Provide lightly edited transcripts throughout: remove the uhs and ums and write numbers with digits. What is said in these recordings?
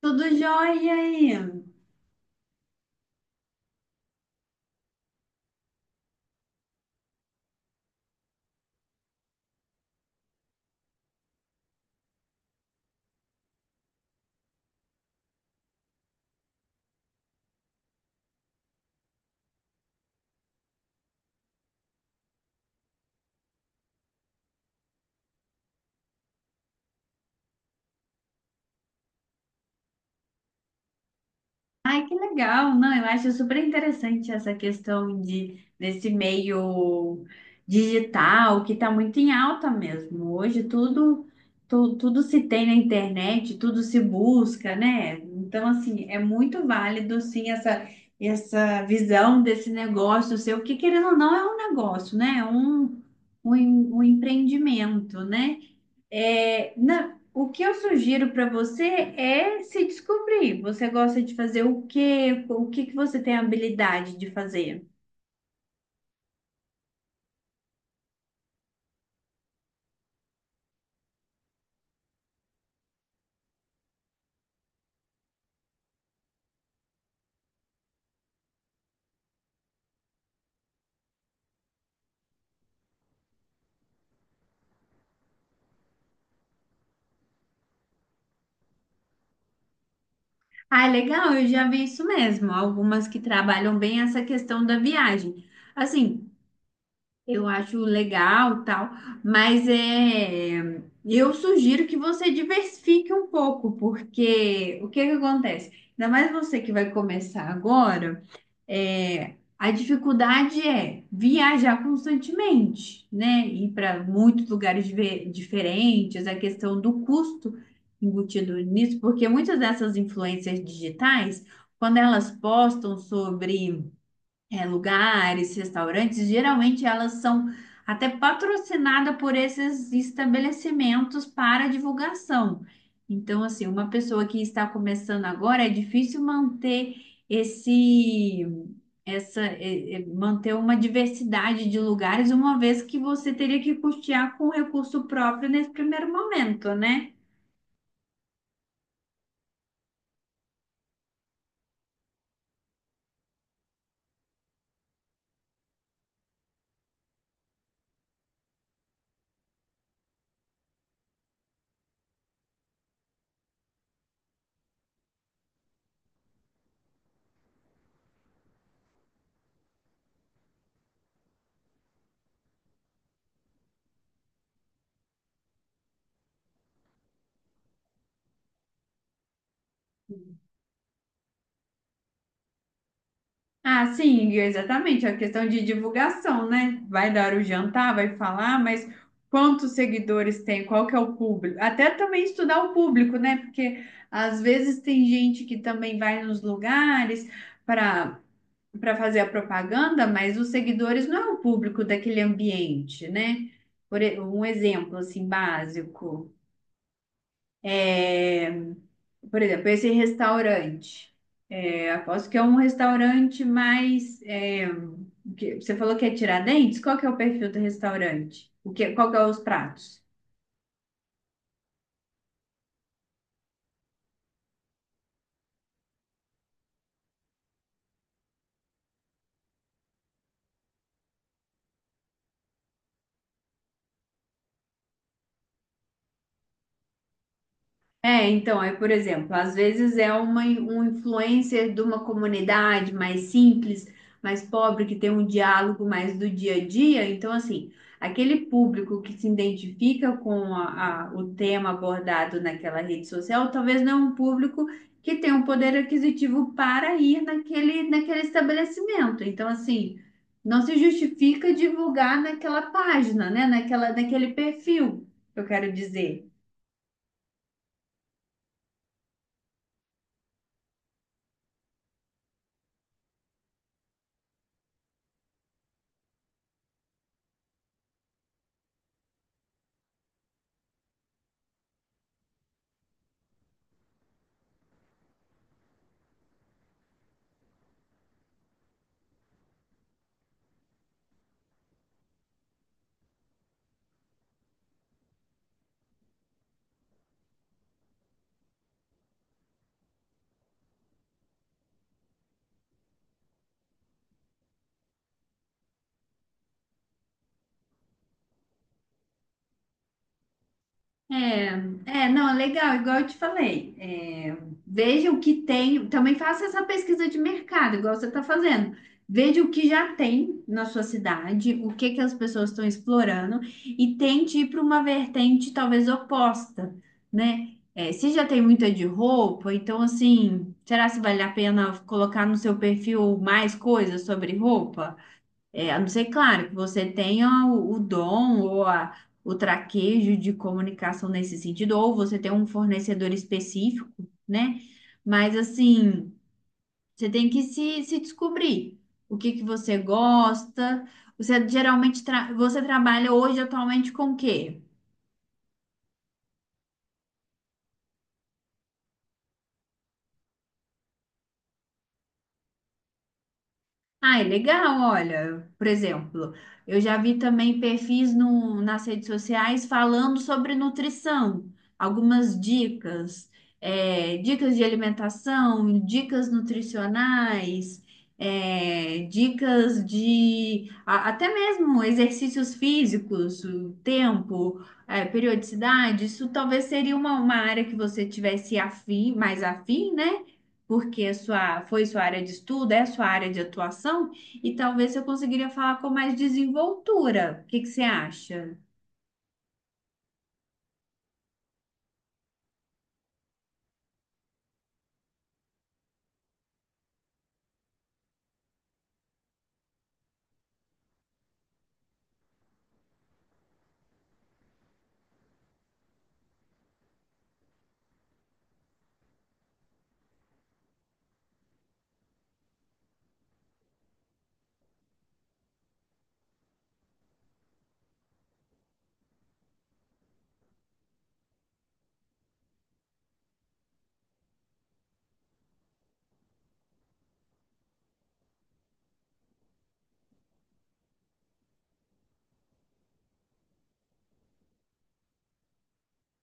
Tudo jóia aí. Ai, que legal. Não, eu acho super interessante essa questão de desse meio digital que está muito em alta mesmo. Hoje tudo, tudo se tem na internet, tudo se busca, né? Então, assim, é muito válido sim essa visão desse negócio seu, que querendo ou não é um negócio, né? É um empreendimento, né? O que eu sugiro para você é se descobrir. Você gosta de fazer o quê? O que que você tem habilidade de fazer? Ah, legal, eu já vi isso mesmo. Algumas que trabalham bem essa questão da viagem. Assim, eu acho legal, tal, mas eu sugiro que você diversifique um pouco, porque o que que acontece? Ainda mais você que vai começar agora. É, a dificuldade é viajar constantemente, né? Ir para muitos lugares diferentes, a questão do custo embutido nisso, porque muitas dessas influências digitais, quando elas postam sobre lugares, restaurantes, geralmente elas são até patrocinadas por esses estabelecimentos para divulgação. Então, assim, uma pessoa que está começando agora é difícil manter esse, essa, é, é, manter uma diversidade de lugares, uma vez que você teria que custear com recurso próprio nesse primeiro momento, né? Ah, sim, exatamente. A questão de divulgação, né? Vai dar o jantar, vai falar, mas quantos seguidores tem? Qual que é o público? Até também estudar o público, né? Porque às vezes tem gente que também vai nos lugares para para fazer a propaganda, mas os seguidores não é o público daquele ambiente, né? Um exemplo assim básico. É, por exemplo, esse restaurante. É, aposto que é um restaurante mais. Você falou que é Tiradentes? Qual que é o perfil do restaurante? O que, qual que é os pratos? É, então, aí, por exemplo, às vezes é um influencer de uma comunidade mais simples, mais pobre, que tem um diálogo mais do dia a dia. Então, assim, aquele público que se identifica com o tema abordado naquela rede social, talvez não é um público que tem um poder aquisitivo para ir naquele estabelecimento. Então, assim, não se justifica divulgar naquela página, né? Naquele perfil, eu quero dizer. É, não, é legal, igual eu te falei. É, veja o que tem, também faça essa pesquisa de mercado, igual você está fazendo. Veja o que já tem na sua cidade, o que que as pessoas estão explorando e tente ir para uma vertente talvez oposta, né? É, se já tem muita de roupa, então assim, será se vale a pena colocar no seu perfil mais coisas sobre roupa? É, a não ser, claro, que você tenha o dom ou o traquejo de comunicação nesse sentido, ou você tem um fornecedor específico, né? Mas, assim, você tem que se descobrir o que que você gosta. Você trabalha hoje atualmente com o quê? Ah, é legal, olha, por exemplo, eu já vi também perfis no, nas redes sociais falando sobre nutrição, algumas dicas, dicas de alimentação, dicas nutricionais, dicas de até mesmo exercícios físicos, o tempo, periodicidade, isso talvez seria uma área que você tivesse afim, mais afim, né? Porque é sua, foi sua área de estudo, é sua área de atuação, e talvez eu conseguiria falar com mais desenvoltura. O que que você acha?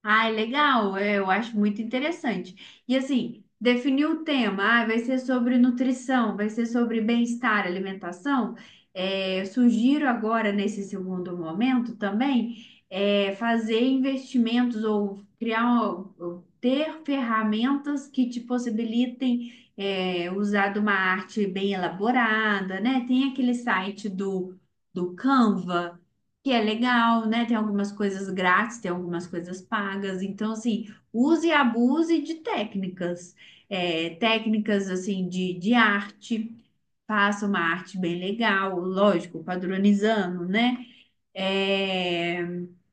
Ai, legal, é, eu acho muito interessante. E assim, definir o tema, ah, vai ser sobre nutrição, vai ser sobre bem-estar, alimentação. É, eu sugiro agora, nesse segundo momento também, fazer investimentos ou ou ter ferramentas que te possibilitem, usar de uma arte bem elaborada, né? Tem aquele site do Canva que é legal, né? Tem algumas coisas grátis, tem algumas coisas pagas. Então, assim, use e abuse de técnicas. É, técnicas, assim, de arte. Faça uma arte bem legal, lógico, padronizando, né? É,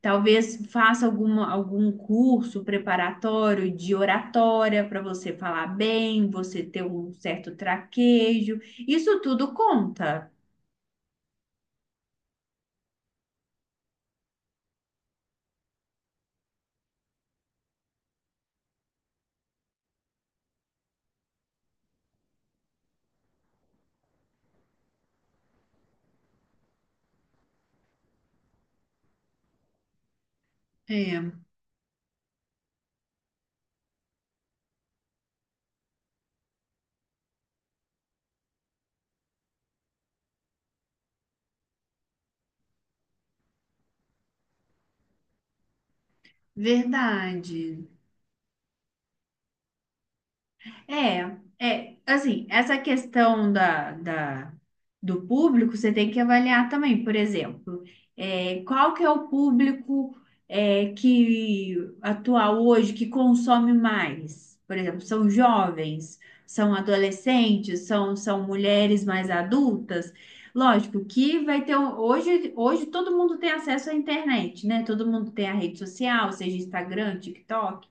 talvez faça algum curso preparatório de oratória para você falar bem, você ter um certo traquejo. Isso tudo conta. É, verdade. É, assim, essa questão do público, você tem que avaliar também, por exemplo, é, qual que é o público é, que atual hoje, que consome mais? Por exemplo, são jovens, são adolescentes, são mulheres mais adultas. Lógico que vai ter, hoje todo mundo tem acesso à internet, né? Todo mundo tem a rede social, seja Instagram, TikTok.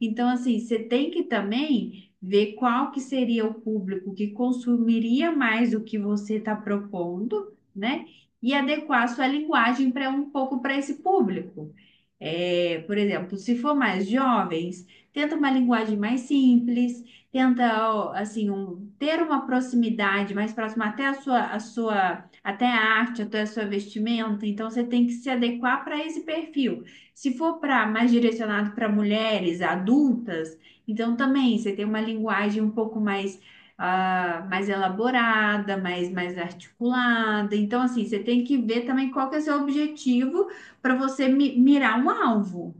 Então, assim, você tem que também ver qual que seria o público que consumiria mais o que você está propondo, né? E adequar a sua linguagem para um pouco para esse público. É, por exemplo, se for mais jovens, tenta uma linguagem mais simples, tenta ó, ter uma proximidade mais próxima até a sua até a arte, até a sua vestimenta. Então você tem que se adequar para esse perfil. Se for para mais direcionado para mulheres adultas, então também você tem uma linguagem um pouco mais, ah, mais elaborada, mais articulada. Então, assim, você tem que ver também qual que é o seu objetivo para você mirar um alvo.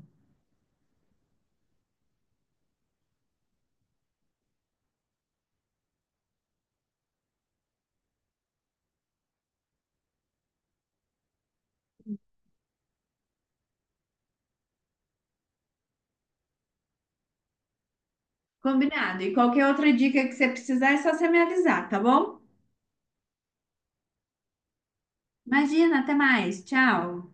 Combinado? E qualquer outra dica que você precisar é só você me avisar, tá bom? Imagina, até mais. Tchau.